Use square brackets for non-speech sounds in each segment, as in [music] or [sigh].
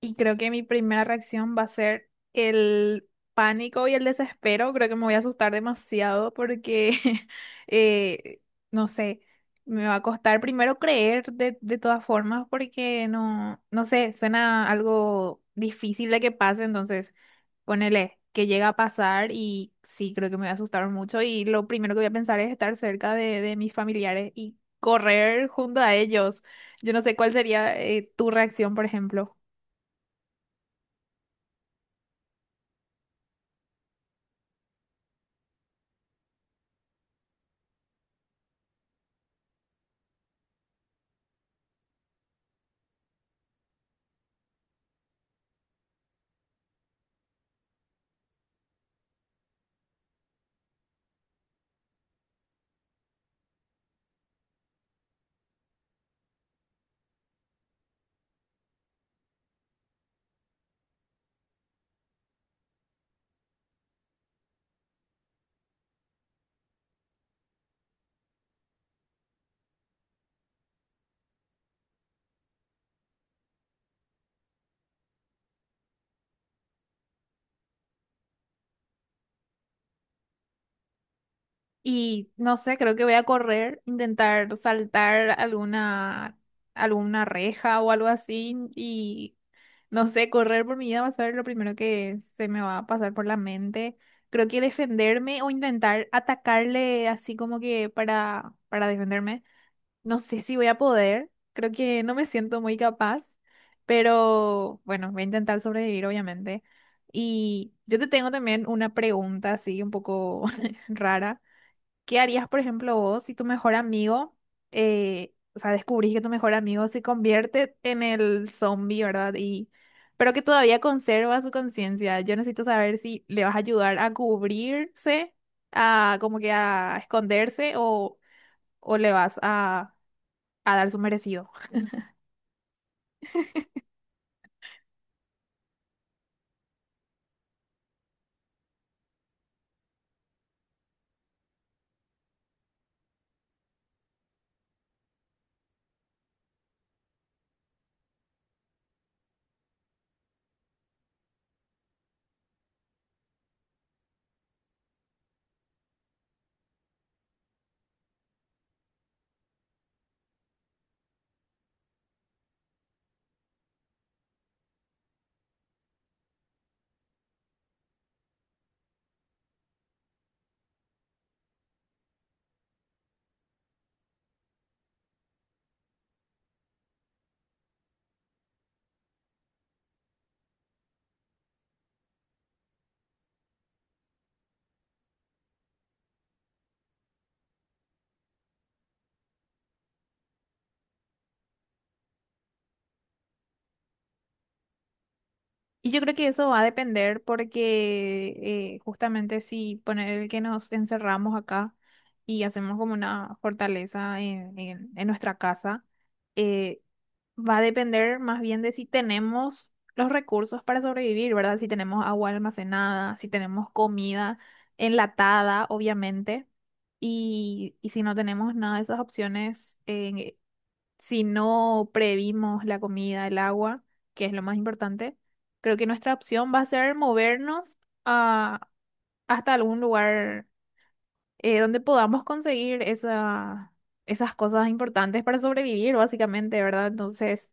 Y creo que mi primera reacción va a ser el pánico y el desespero. Creo que me voy a asustar demasiado porque, [laughs] eh, no sé, me va a costar primero creer de todas formas porque no sé, suena algo difícil de que pase. Entonces, ponele que llega a pasar y sí, creo que me voy a asustar mucho. Y lo primero que voy a pensar es estar cerca de mis familiares y correr junto a ellos. Yo no sé cuál sería, tu reacción, por ejemplo. Y no sé, creo que voy a correr, intentar saltar alguna reja o algo así. Y no sé, correr por mi vida va a ser lo primero que se me va a pasar por la mente. Creo que defenderme o intentar atacarle así como que para defenderme. No sé si voy a poder. Creo que no me siento muy capaz. Pero bueno, voy a intentar sobrevivir, obviamente. Y yo te tengo también una pregunta así un poco [laughs] rara. ¿Qué harías, por ejemplo, vos si tu mejor amigo, o sea, descubrís que tu mejor amigo se convierte en el zombie, ¿verdad? Y, pero que todavía conserva su conciencia. Yo necesito saber si le vas a ayudar a cubrirse, a como que a esconderse o le vas a dar su merecido. Y yo creo que eso va a depender porque justamente si poner el que nos encerramos acá y hacemos como una fortaleza en en nuestra casa eh, va a depender más bien de si tenemos los recursos para sobrevivir, ¿verdad? Si tenemos agua almacenada, si tenemos comida enlatada, obviamente. Y si no tenemos nada de esas opciones, si no previmos la comida, el agua, que es lo más importante, creo que nuestra opción va a ser movernos a- hasta algún lugar donde podamos conseguir esas cosas importantes para sobrevivir, básicamente, ¿verdad? Entonces...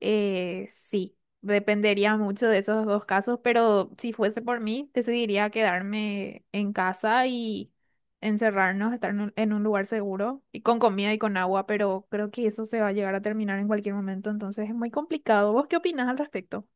Sí, dependería mucho de esos dos casos, pero si fuese por mí, decidiría quedarme en casa y encerrarnos, estar en en un lugar seguro y con comida y con agua, pero creo que eso se va a llegar a terminar en cualquier momento, entonces es muy complicado. ¿Vos qué opinás al respecto?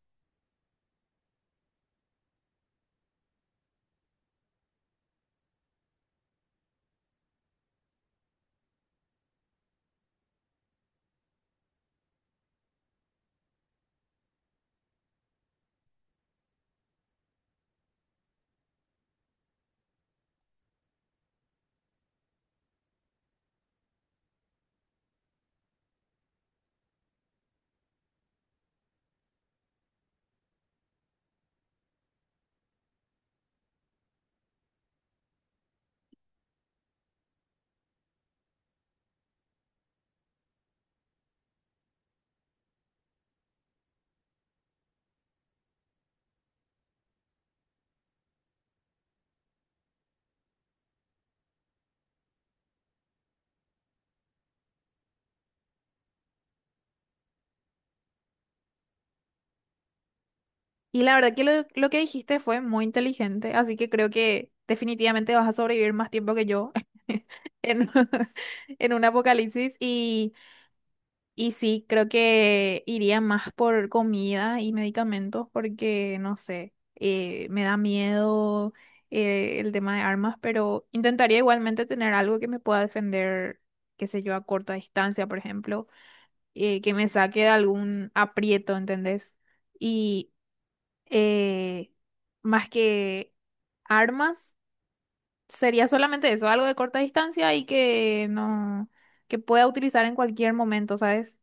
Y la verdad que lo que dijiste fue muy inteligente, así que creo que definitivamente vas a sobrevivir más tiempo que yo [laughs] en, [laughs] en un apocalipsis y... Y sí, creo que iría más por comida y medicamentos porque, no sé, me da miedo el tema de armas, pero intentaría igualmente tener algo que me pueda defender, qué sé yo, a corta distancia, por ejemplo, que me saque de algún aprieto, ¿entendés? Y eh, más que armas, sería solamente eso, algo de corta distancia y que no, que pueda utilizar en cualquier momento, ¿sabes?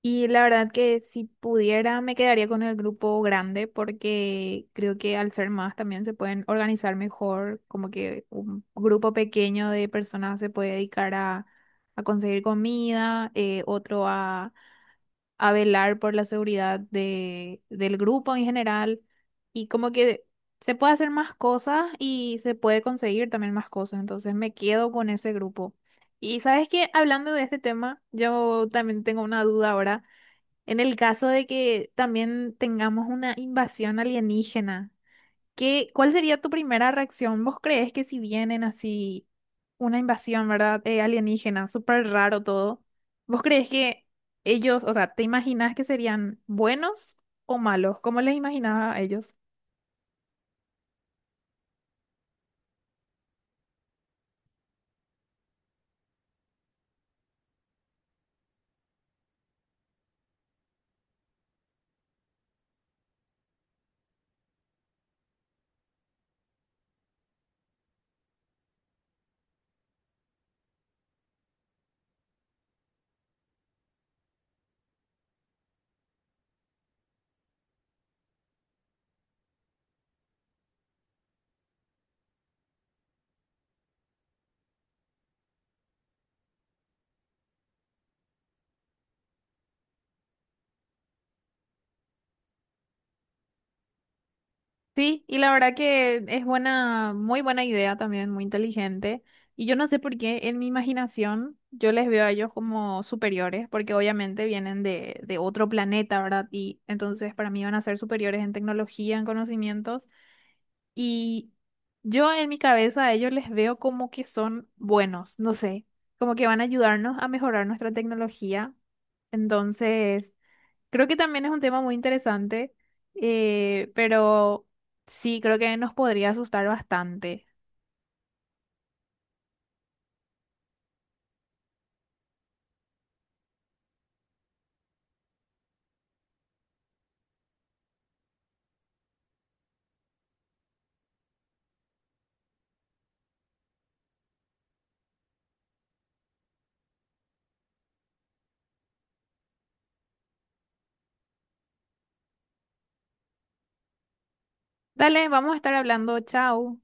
Y la verdad que si pudiera me quedaría con el grupo grande porque creo que al ser más también se pueden organizar mejor, como que un grupo pequeño de personas se puede dedicar a conseguir comida, otro a velar por la seguridad del grupo en general y como que se puede hacer más cosas y se puede conseguir también más cosas, entonces me quedo con ese grupo. Y sabes que hablando de este tema, yo también tengo una duda ahora. En el caso de que también tengamos una invasión alienígena, ¿qué, cuál sería tu primera reacción? ¿Vos crees que si vienen así una invasión, ¿verdad? Alienígena, súper raro todo, ¿vos crees que ellos, o sea, te imaginas que serían buenos o malos? ¿Cómo les imaginaba a ellos? Sí, y la verdad que es buena, muy buena idea también, muy inteligente. Y yo no sé por qué en mi imaginación yo les veo a ellos como superiores, porque obviamente vienen de otro planeta, ¿verdad? Y entonces para mí van a ser superiores en tecnología, en conocimientos. Y yo en mi cabeza a ellos les veo como que son buenos, no sé, como que van a ayudarnos a mejorar nuestra tecnología. Entonces... Creo que también es un tema muy interesante, pero sí, creo que nos podría asustar bastante. Dale, vamos a estar hablando. Chao.